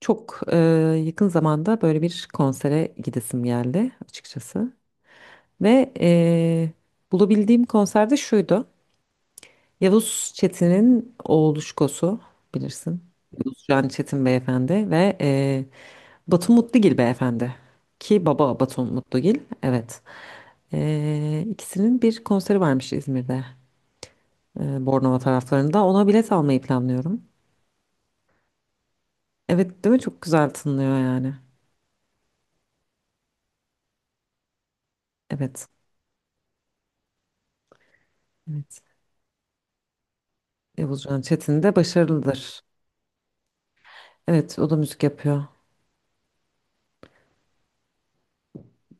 Çok yakın zamanda böyle bir konsere gidesim geldi açıkçası. Ve bulabildiğim konserde şuydu. Yavuz Çetin'in oğlu Şkosu bilirsin. Yavuz Can Çetin beyefendi ve Batu Mutlugil beyefendi. Ki baba Batu Mutlugil. Evet. İkisinin bir konseri varmış İzmir'de. Bornova taraflarında. Ona bilet almayı planlıyorum. Evet değil mi? Çok güzel tınlıyor yani. Evet. Evet. Yavuz Can Çetin de başarılıdır. Evet, o da müzik yapıyor.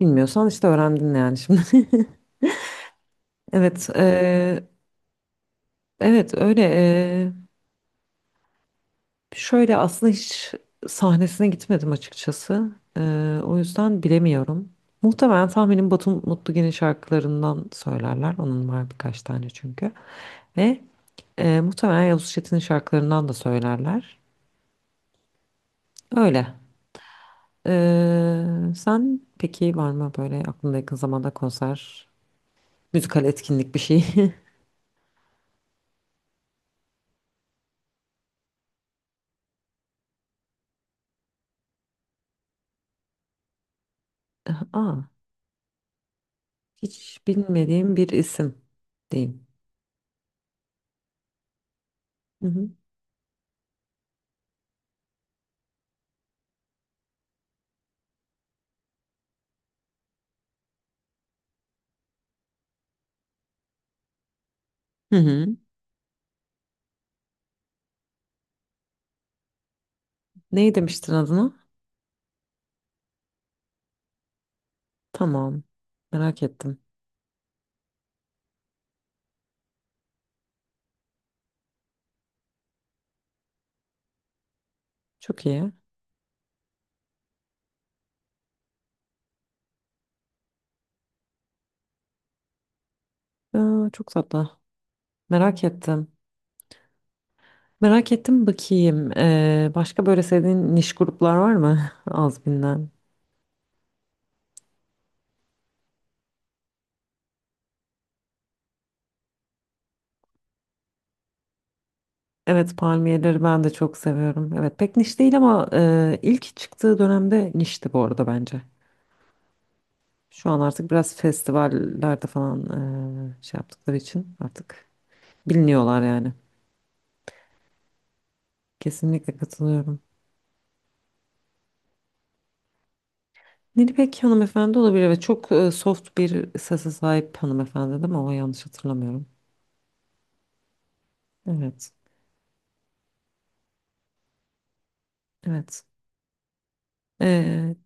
Bilmiyorsan işte öğrendin yani şimdi. Evet, evet öyle. Şöyle aslında hiç sahnesine gitmedim açıkçası. O yüzden bilemiyorum. Muhtemelen tahminim Batu Mutlugen'in şarkılarından söylerler. Onun var birkaç tane çünkü. Ve muhtemelen Yavuz Çetin'in şarkılarından da söylerler. Öyle. Eee, Sen peki var mı böyle aklında yakın zamanda konser, müzikal etkinlik bir şey? Aa, hiç bilmediğim bir isim diyeyim. Hı hı. Hı hı. Neyi demiştin adına? Tamam. Merak ettim. Çok iyi. Aa, çok tatlı. Merak ettim. Merak ettim bakayım. Başka böyle sevdiğin niş gruplar var mı? Az bilinen. Evet palmiyeleri ben de çok seviyorum. Evet pek niş değil ama ilk çıktığı dönemde nişti bu arada bence. Şu an artık biraz festivallerde falan şey yaptıkları için artık biliniyorlar yani. Kesinlikle katılıyorum. Nilüpek hanımefendi olabilir ve çok soft bir sese sahip hanımefendi değil mi? O yanlış hatırlamıyorum. Evet. Evet. Ee,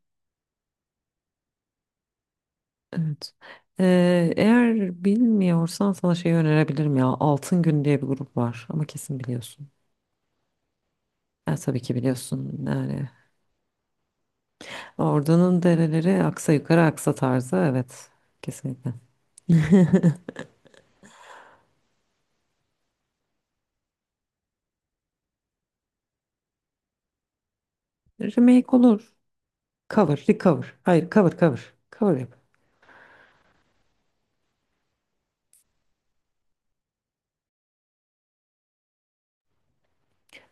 evet. Eğer bilmiyorsan sana şey önerebilirim ya. Altın Gün diye bir grup var ama kesin biliyorsun. Tabii ki biliyorsun. Yani Ordunun dereleri aksa yukarı aksa tarzı. Evet. Kesinlikle. Remake olur. Cover, recover. Hayır, cover, cover. Cover.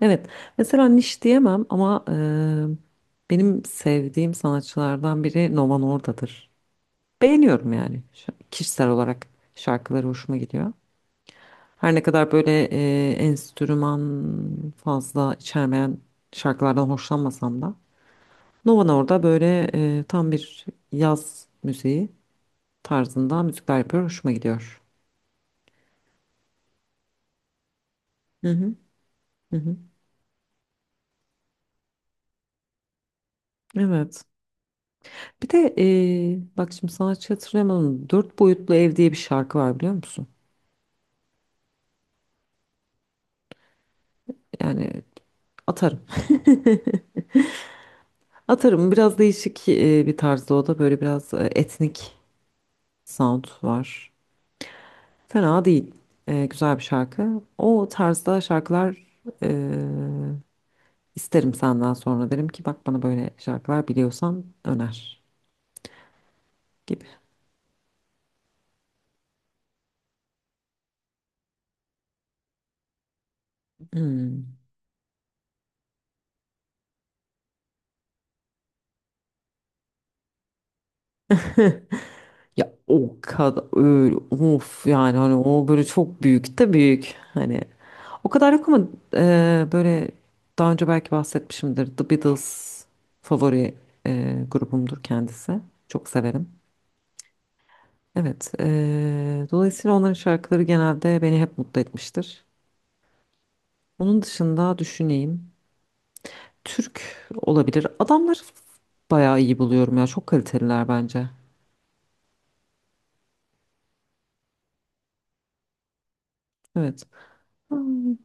Evet. Mesela niş diyemem ama benim sevdiğim sanatçılardan biri Nova Norda'dır. Beğeniyorum yani kişisel olarak şarkıları hoşuma gidiyor. Her ne kadar böyle enstrüman fazla içermeyen şarkılardan hoşlanmasam da Nova Norda böyle tam bir yaz müziği tarzında müzikler yapıyor. Hoşuma gidiyor. Hı hı. Hı hı. Evet. Bir de bak şimdi sanatçı hatırlayamadım. Dört boyutlu ev diye bir şarkı var biliyor musun? Yani atarım. Atarım. Biraz değişik bir tarzda o da. Böyle biraz etnik sound var. Fena değil. Güzel bir şarkı. O tarzda şarkılar e, isterim senden sonra. Derim ki bak bana böyle şarkılar biliyorsan öner gibi. Hmm. Ya o kadar öyle of yani hani o böyle çok büyük de büyük hani o kadar yok ama böyle daha önce belki bahsetmişimdir The Beatles favori grubumdur kendisi çok severim evet dolayısıyla onların şarkıları genelde beni hep mutlu etmiştir onun dışında düşüneyim Türk olabilir adamları bayağı iyi buluyorum ya çok kaliteliler bence evet. Hmm.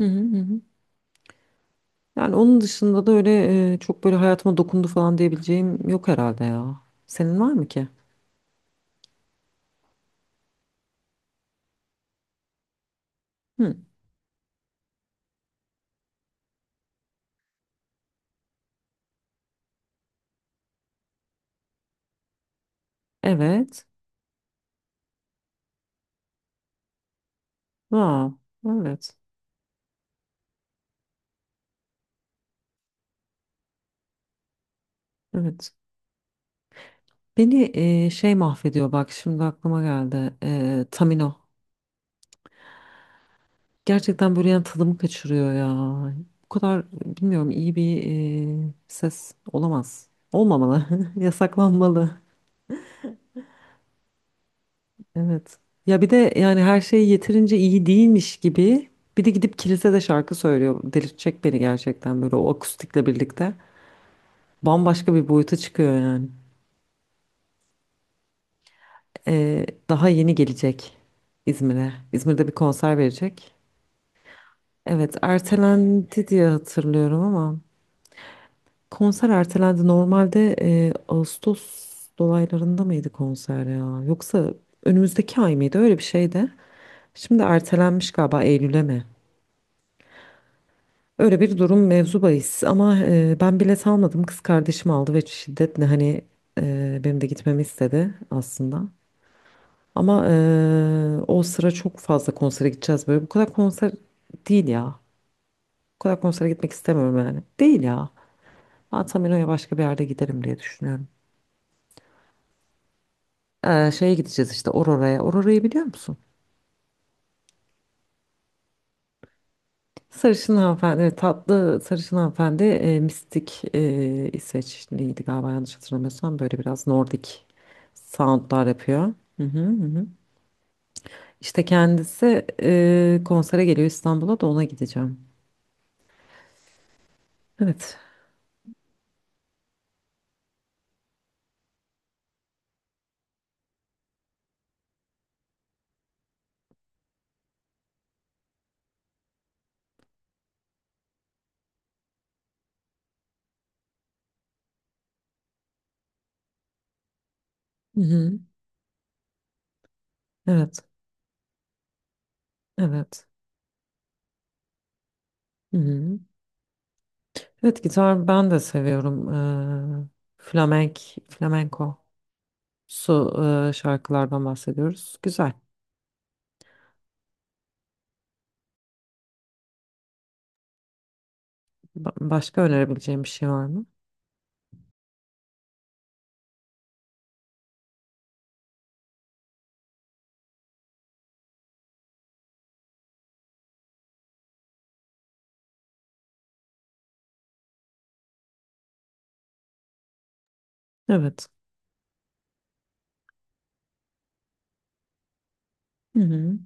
Hı hı hı. Yani onun dışında da öyle çok böyle hayatıma dokundu falan diyebileceğim yok herhalde ya. Senin var mı ki? Hı. Evet. Wow. Evet. Evet. Beni şey mahvediyor bak şimdi aklıma geldi. Tamino. Gerçekten böyle yani tadımı kaçırıyor ya. Bu kadar bilmiyorum iyi bir ses olamaz. Olmamalı. Yasaklanmalı. Evet. Ya bir de yani her şey yeterince iyi değilmiş gibi bir de gidip kilisede şarkı söylüyor. Delirtecek beni gerçekten böyle o akustikle birlikte. Bambaşka bir boyuta çıkıyor yani. Daha yeni gelecek İzmir'e. İzmir'de bir konser verecek. Evet, ertelendi diye hatırlıyorum ama konser ertelendi. Normalde Ağustos dolaylarında mıydı konser ya? Yoksa önümüzdeki ay mıydı? Öyle bir şeydi. Şimdi ertelenmiş galiba Eylül'e mi? Öyle bir durum mevzu bahis ama ben bilet almadım kız kardeşim aldı ve şiddetle hani benim de gitmemi istedi aslında. Ama o sıra çok fazla konsere gideceğiz böyle bu kadar konser değil ya. Bu kadar konsere gitmek istemiyorum yani. Değil ya. Ben Tamino'ya başka bir yerde giderim diye düşünüyorum. Şeye gideceğiz işte Aurora'ya. Aurora'yı biliyor musun? Sarışın hanımefendi, evet, tatlı sarışın hanımefendi mistik İsveçliydi galiba yanlış hatırlamıyorsam böyle biraz Nordik soundlar yapıyor. Hı hı, hı. hı. İşte kendisi konsere geliyor İstanbul'a da ona gideceğim. Evet. Hı hı. Evet. Evet. Hı hı. Evet gitar ben de seviyorum. Eee flamenk, flamenko su şarkılardan bahsediyoruz. Güzel. Başka önerebileceğim bir şey var mı? Evet. Hı hı.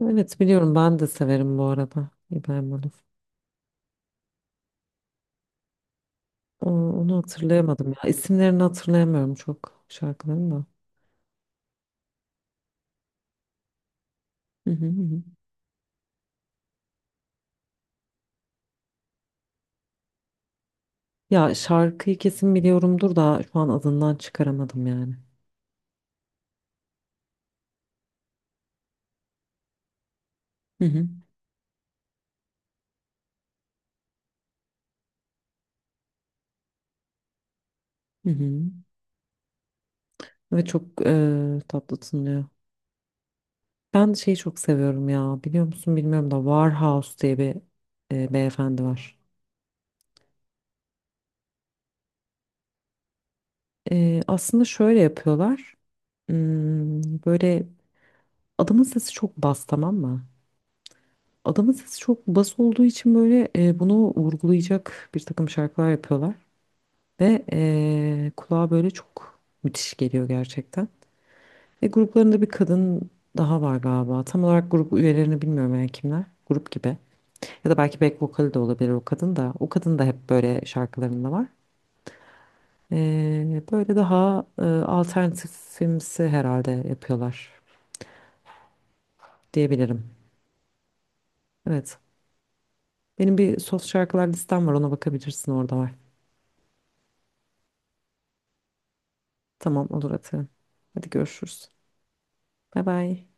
Evet biliyorum ben de severim bu arada İbrahim Olof. Onu hatırlayamadım ya. İsimlerini hatırlayamıyorum çok şarkıların da. Hı hı hı. Ya şarkıyı kesin biliyorumdur da şu an adından çıkaramadım yani. Hı hı. Hı hı. Ve çok tatlı tınlıyor. Ben şeyi çok seviyorum ya. Biliyor musun bilmiyorum da Warhouse diye bir beyefendi var. Aslında şöyle yapıyorlar. Hmm, böyle adamın sesi çok bas tamam mı? Adamın sesi çok bas olduğu için böyle bunu vurgulayacak bir takım şarkılar yapıyorlar. Ve kulağa böyle çok müthiş geliyor gerçekten. Ve gruplarında bir kadın daha var galiba. Tam olarak grup üyelerini bilmiyorum yani kimler. Grup gibi. Ya da belki back vokali de olabilir o kadın da. O kadın da hep böyle şarkılarında var. Böyle daha alternatifimsi herhalde yapıyorlar diyebilirim. Evet. Benim bir soft şarkılar listem var ona bakabilirsin orada var. Tamam olur atıyorum. Hadi görüşürüz. Bay bay.